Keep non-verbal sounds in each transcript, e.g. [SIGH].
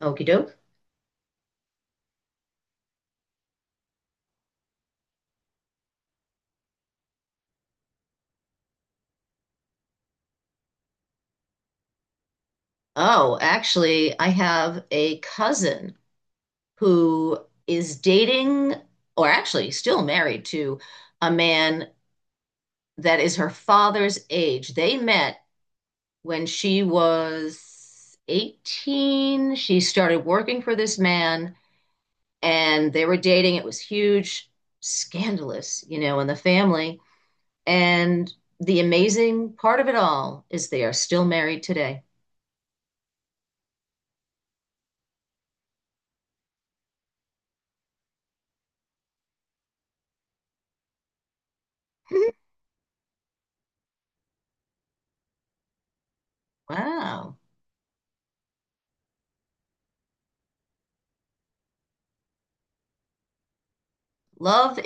Okie doke. Oh, actually, I have a cousin who is dating, or actually still married to, a man that is her father's age. They met when she was 18. She started working for this man, and they were dating. It was huge, scandalous, you know, in the family. And the amazing part of it all is they are still married today. [LAUGHS] Wow. Love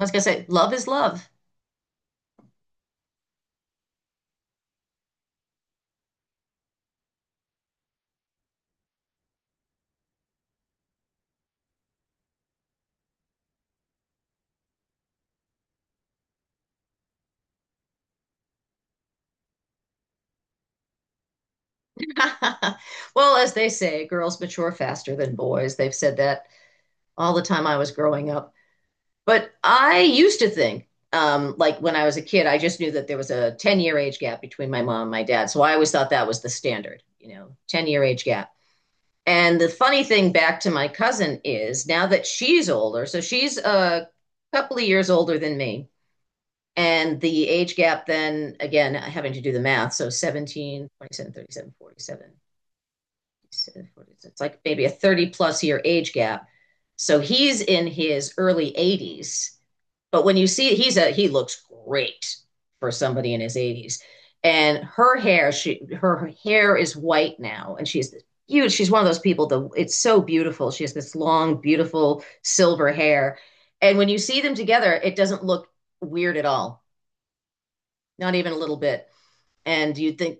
I was gonna say, love is love. [LAUGHS] Well, as they say, girls mature faster than boys. They've said that all the time I was growing up. But I used to think, like when I was a kid, I just knew that there was a 10-year age gap between my mom and my dad. So I always thought that was the standard, you know, 10-year age gap. And the funny thing back to my cousin is now that she's older, so she's a couple of years older than me. And the age gap then, again, having to do the math, so 17, 27, 37, 47. It's like maybe a 30 plus year age gap. So he's in his early 80s, but when you see he looks great for somebody in his 80s. And her hair, she her hair is white now, and she's huge. She's one of those people that it's so beautiful. She has this long, beautiful silver hair. And when you see them together, it doesn't look weird at all, not even a little bit. And you'd think,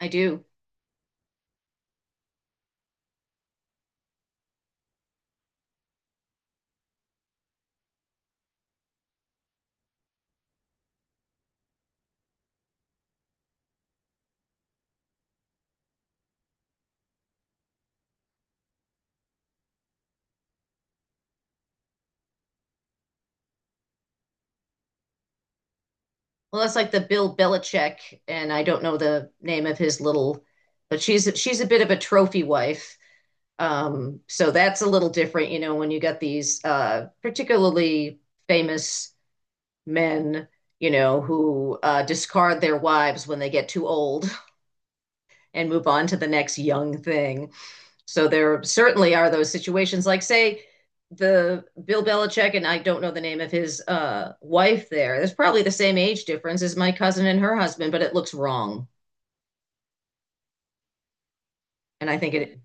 I do. Well, that's like the Bill Belichick, and I don't know the name of his little, but she's a bit of a trophy wife. So that's a little different, you know, when you got these particularly famous men, you know, who discard their wives when they get too old and move on to the next young thing. So there certainly are those situations, like say the Bill Belichick, and I don't know the name of his wife. There's probably the same age difference as my cousin and her husband, but it looks wrong, and I think it.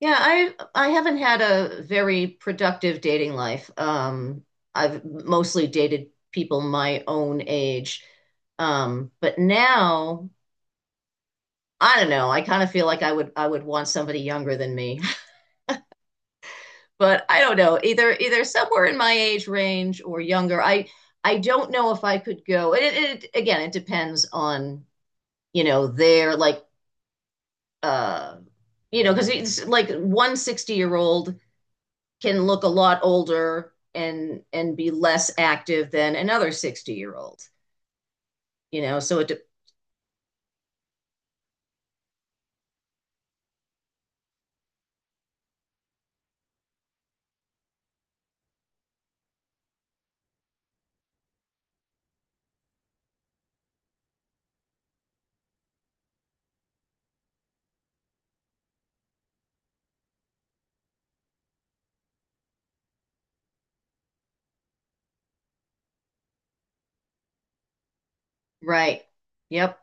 Yeah, I haven't had a very productive dating life. I've mostly dated people my own age, but now I don't know. I kind of feel like I would want somebody younger than me. But I don't know, either either somewhere in my age range or younger. I don't know if I could go. It again, it depends on, you know, their like, uh you know, because it's like 160 year old can look a lot older and be less active than another 60-year-old. You know, so it. Right. Yep.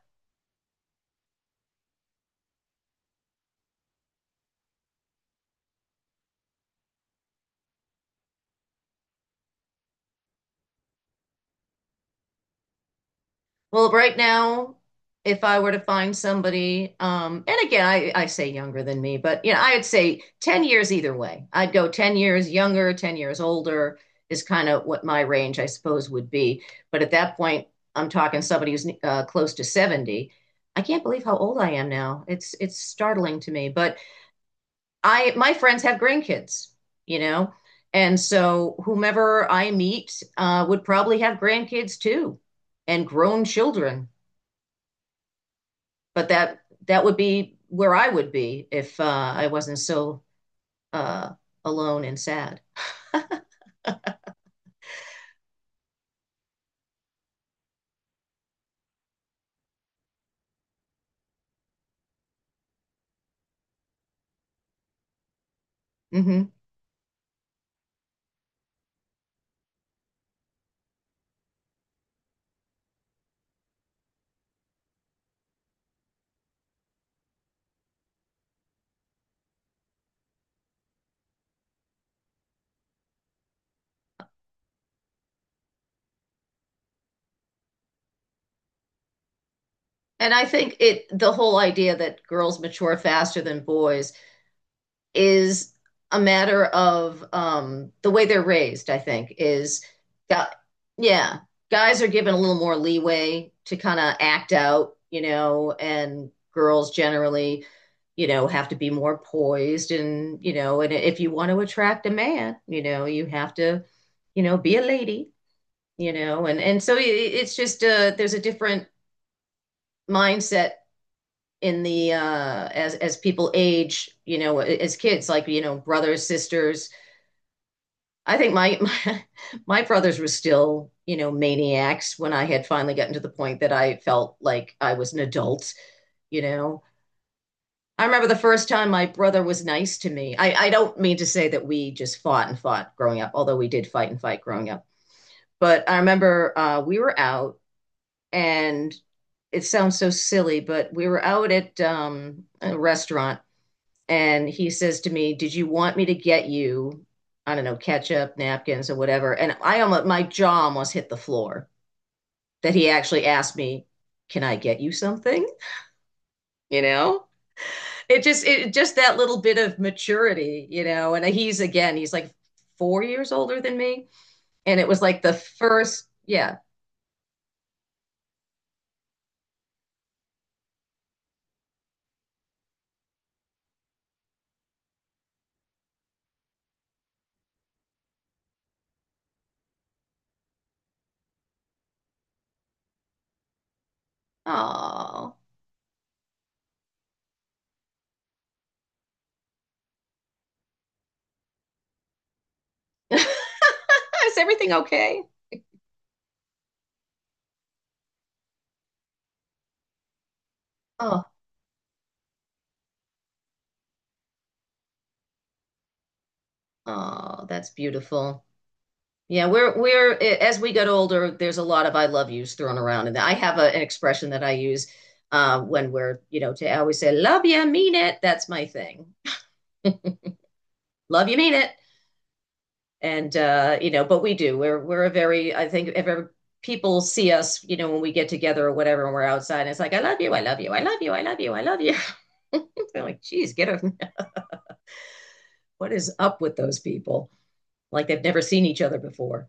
Well, right now, if I were to find somebody, and again, I say younger than me, but you know, I'd say 10 years either way. I'd go 10 years younger, 10 years older is kind of what my range, I suppose, would be. But at that point, I'm talking somebody who's close to 70. I can't believe how old I am now. It's startling to me, but I my friends have grandkids, you know, and so whomever I meet would probably have grandkids too and grown children, but that would be where I would be if I wasn't so, uh, alone and sad. Hmm. And I think it, the whole idea that girls mature faster than boys is a matter of the way they're raised, I think, is that, yeah, guys are given a little more leeway to kind of act out, you know, and girls generally, you know, have to be more poised. And, you know, and if you want to attract a man, you know, you have to, you know, be a lady, you know. And, so it's just, there's a different mindset in the as people age, you know, as kids, like, you know, brothers, sisters. I think my, [LAUGHS] my brothers were still, you know, maniacs when I had finally gotten to the point that I felt like I was an adult, you know. I remember the first time my brother was nice to me. I don't mean to say that we just fought and fought growing up, although we did fight and fight growing up. But I remember, we were out, and it sounds so silly, but we were out at a restaurant, and he says to me, "Did you want me to get you, I don't know, ketchup, napkins, or whatever?" And I almost, my jaw almost hit the floor that he actually asked me, "Can I get you something?" You know, it just that little bit of maturity, you know. And he's, again, he's like 4 years older than me, and it was like the first, yeah. Oh, [LAUGHS] is everything okay? Oh, oh, that's beautiful. Yeah, we're as we get older, there's a lot of I love yous thrown around, and I have a, an expression that I use when we're, you know, to, I always say love you, mean it. That's my thing. Love you, mean it, and, you know, but we do. We're a very, I think if ever people see us, you know, when we get together or whatever, and we're outside, and it's like I love you, I love you, I love you, I love you, I love you. [LAUGHS] They're like, geez, get a, what is up with those people? Like they've never seen each other before.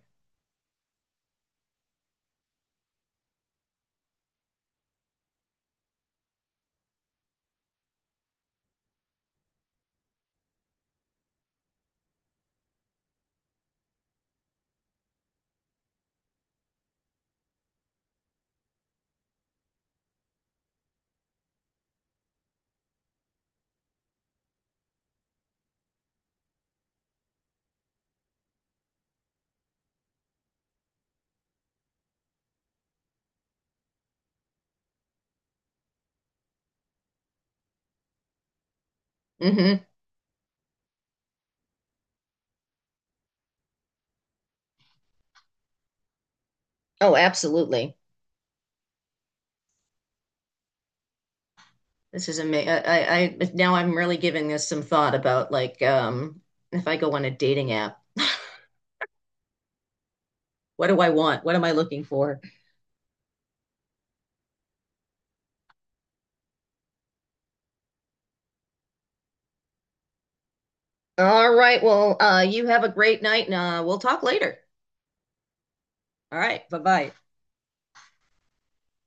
Hmm. Oh, absolutely. This is amazing. Now I'm really giving this some thought about, like, if I go on a dating app, what do I want? What am I looking for? All right. Well, you have a great night and we'll talk later. All right. Bye-bye.